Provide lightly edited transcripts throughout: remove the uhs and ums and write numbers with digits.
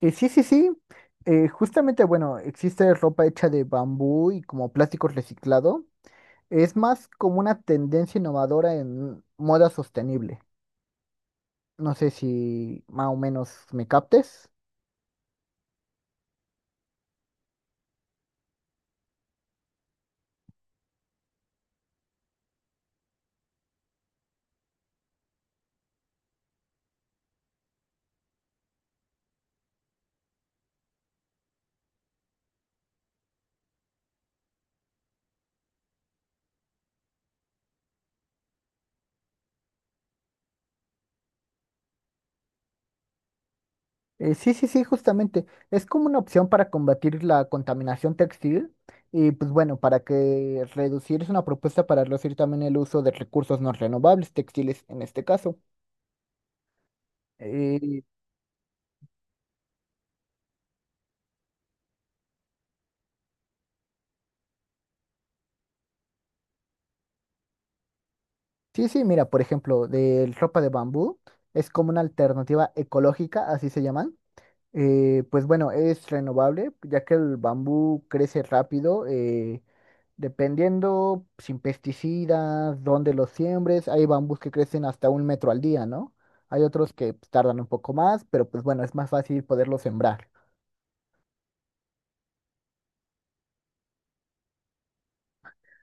Sí, sí, sí. Justamente, bueno, existe ropa hecha de bambú y como plástico reciclado. Es más como una tendencia innovadora en moda sostenible. No sé si más o menos me captes. Sí, sí, sí, justamente. Es como una opción para combatir la contaminación textil y pues bueno, para que reducir es una propuesta para reducir también el uso de recursos no renovables, textiles en este caso. Eh, Sí, sí, mira, por ejemplo, de ropa de bambú, es como una alternativa ecológica, así se llaman. Pues bueno, es renovable, ya que el bambú crece rápido, dependiendo sin pesticidas, dónde los siembres. Hay bambús que crecen hasta un metro al día, ¿no? Hay otros que pues, tardan un poco más, pero pues bueno, es más fácil poderlo sembrar.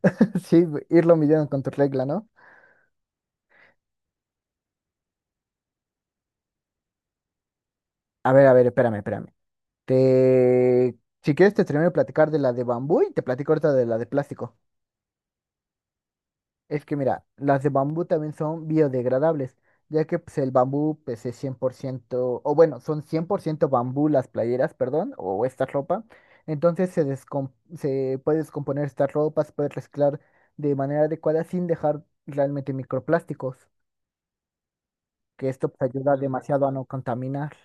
Sí, irlo midiendo con tu regla, ¿no? A ver, espérame, espérame. Te... Si quieres, te termino de platicar de la de bambú y te platico ahorita de la de plástico. Es que mira, las de bambú también son biodegradables, ya que pues, el bambú pues, es 100%, o bueno, son 100% bambú las playeras, perdón, o esta ropa. Entonces se puede descomponer estas ropas, se puede reciclar de manera adecuada sin dejar realmente microplásticos, que esto pues, ayuda demasiado a no contaminar.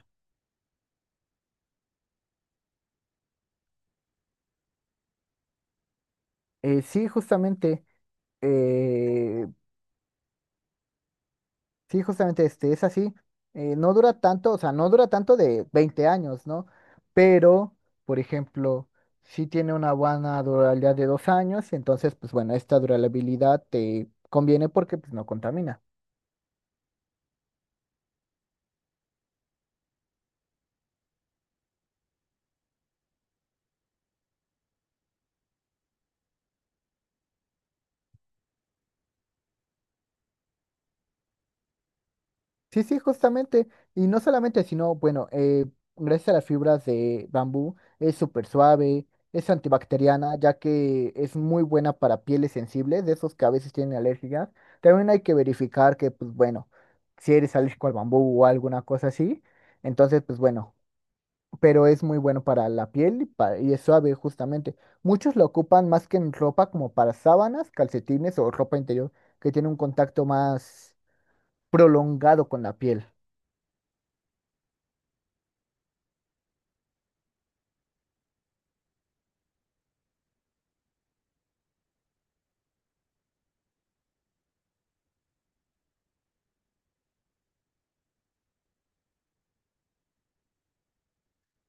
Sí, justamente. eh, Sí, justamente, es así. No dura tanto, o sea, no dura tanto de 20 años, ¿no? Pero, por ejemplo, sí tiene una buena durabilidad de 2 años, entonces, pues bueno, esta durabilidad te conviene porque pues, no contamina. Sí, sí, justamente. Y no solamente, sino, bueno, gracias a las fibras de bambú, es súper suave, es antibacteriana, ya que es muy buena para pieles sensibles, de esos que a veces tienen alergias. También hay que verificar que, pues bueno, si eres alérgico al bambú o alguna cosa así, entonces, pues bueno, pero es muy bueno para la piel y es suave, justamente. Muchos lo ocupan más que en ropa, como para sábanas, calcetines o ropa interior, que tiene un contacto más prolongado con la piel.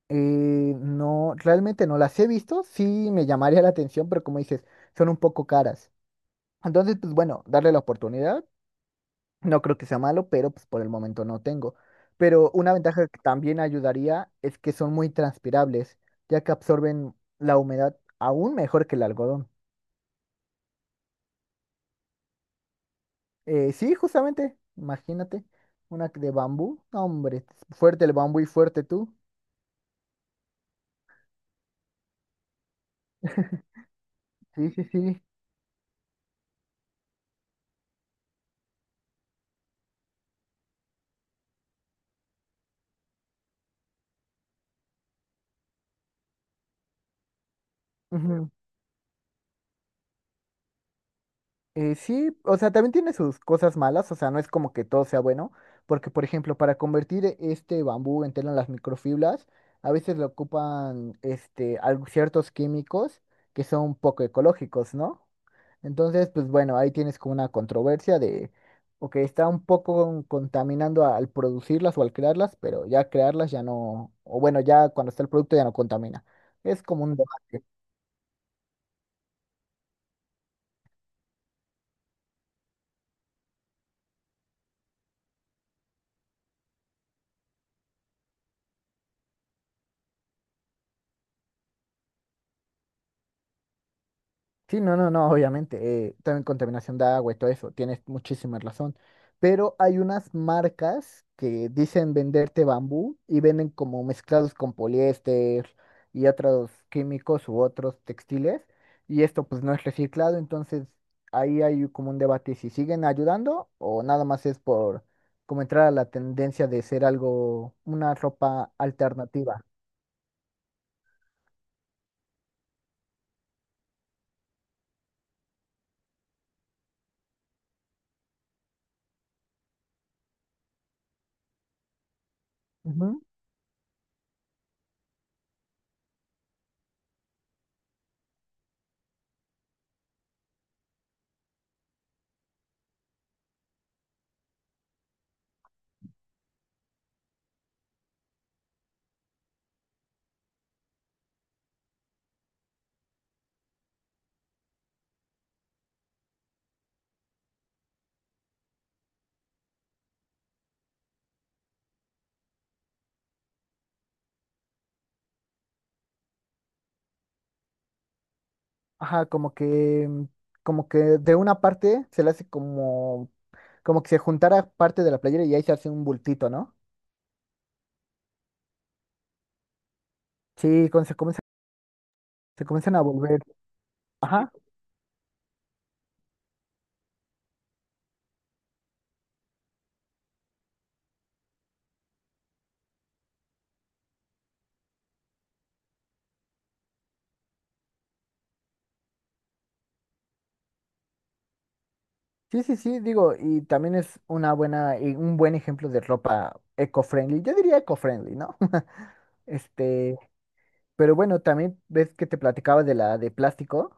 Eh, no, realmente no las he visto, sí me llamaría la atención, pero como dices, son un poco caras. Entonces, pues bueno, darle la oportunidad, no creo que sea malo, pero pues por el momento no tengo. Pero una ventaja que también ayudaría es que son muy transpirables, ya que absorben la humedad aún mejor que el algodón. Sí, justamente, imagínate, una de bambú, no, hombre, fuerte el bambú y fuerte tú. Sí, sí, sí. Ujú. Sí, o sea, también tiene sus cosas malas, o sea, no es como que todo sea bueno, porque por ejemplo, para convertir este bambú en tela en las microfibras, a veces le ocupan ciertos químicos que son poco ecológicos, ¿no? Entonces, pues bueno, ahí tienes como una controversia de, ok, está un poco contaminando al producirlas o al crearlas, pero ya crearlas ya no, o bueno, ya cuando está el producto ya no contamina. Es como un debate. Sí, no, no, no, obviamente. También contaminación de agua y todo eso, tienes muchísima razón. Pero hay unas marcas que dicen venderte bambú y venden como mezclados con poliéster y otros químicos u otros textiles. Y esto pues no es reciclado, entonces ahí hay como un debate si siguen ayudando o nada más es por como entrar a la tendencia de ser algo, una ropa alternativa. Ajá, como que de una parte se le hace como, como que se juntara parte de la playera y ahí se hace un bultito, ¿no? Sí, cuando se comienzan a volver. Ajá. Sí, sí, sí, digo, y también es una buena, y un buen ejemplo de ropa eco-friendly. Yo diría eco-friendly, ¿no? Este, pero bueno, también ves que te platicaba de la de plástico.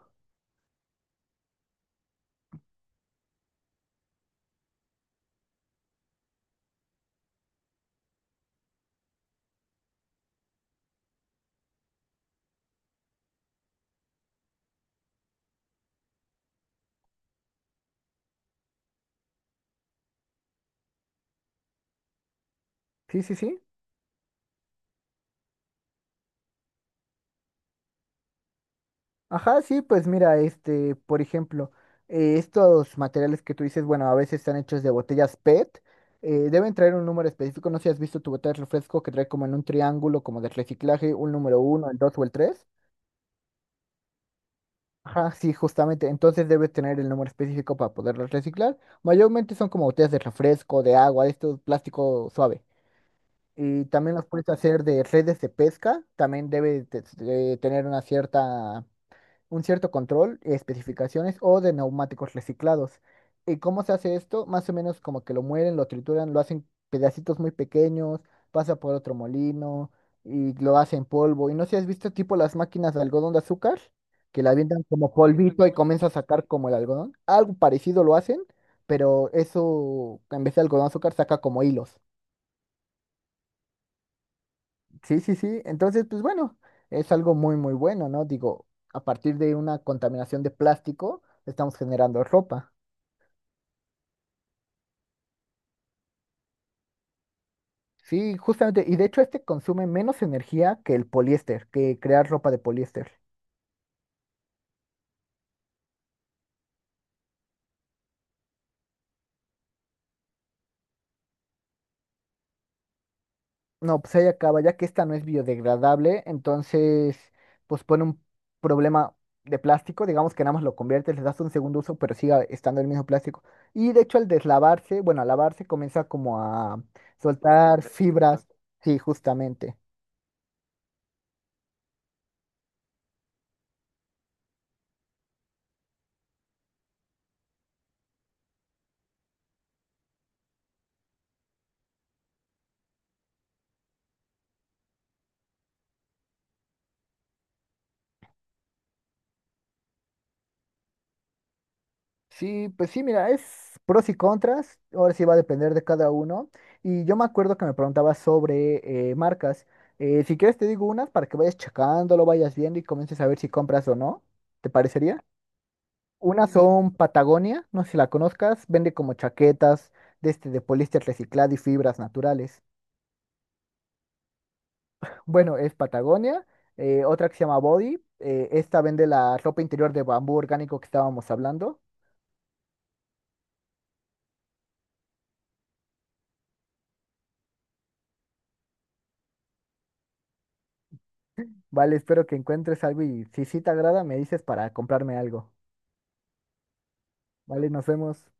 Sí, sí, sí. Ajá, sí, pues mira, por ejemplo, estos materiales que tú dices, bueno, a veces están hechos de botellas PET, deben traer un número específico, no sé si has visto tu botella de refresco que trae como en un triángulo, como de reciclaje, un número uno, el dos o el tres. Ajá, sí, justamente, entonces debe tener el número específico para poderlo reciclar. Mayormente son como botellas de refresco, de agua, de estos plástico suave. Y también los puedes hacer de redes de pesca, también debe de tener una cierta un cierto control, especificaciones o de neumáticos reciclados. ¿Y cómo se hace esto? Más o menos como que lo muelen, lo trituran, lo hacen pedacitos muy pequeños, pasa por otro molino y lo hacen polvo. Y no sé si has visto tipo las máquinas de algodón de azúcar, que la avientan como polvito y comienza a sacar como el algodón. Algo parecido lo hacen, pero eso en vez de algodón de azúcar saca como hilos. Sí, sí, sí. Entonces, pues bueno, es algo muy, muy bueno, ¿no? Digo, a partir de una contaminación de plástico, estamos generando ropa. Sí, justamente. Y de hecho, este consume menos energía que el poliéster, que crear ropa de poliéster. No, pues ahí acaba, ya que esta no es biodegradable, entonces, pues pone un problema de plástico, digamos que nada más lo conviertes, le das un segundo uso, pero sigue estando el mismo plástico. Y de hecho, al deslavarse, bueno, al lavarse comienza como a soltar fibras, sí, justamente. Sí, pues sí, mira, es pros y contras, ahora sí va a depender de cada uno. Y yo me acuerdo que me preguntabas sobre marcas. Si quieres te digo unas para que vayas checándolo, vayas viendo y comiences a ver si compras o no. ¿Te parecería? Unas son Patagonia, no sé si la conozcas, vende como chaquetas de, de poliéster reciclado y fibras naturales. Bueno, es Patagonia. Otra que se llama Body, esta vende la ropa interior de bambú orgánico que estábamos hablando. Vale, espero que encuentres algo y si sí te agrada, me dices para comprarme algo. Vale, nos vemos.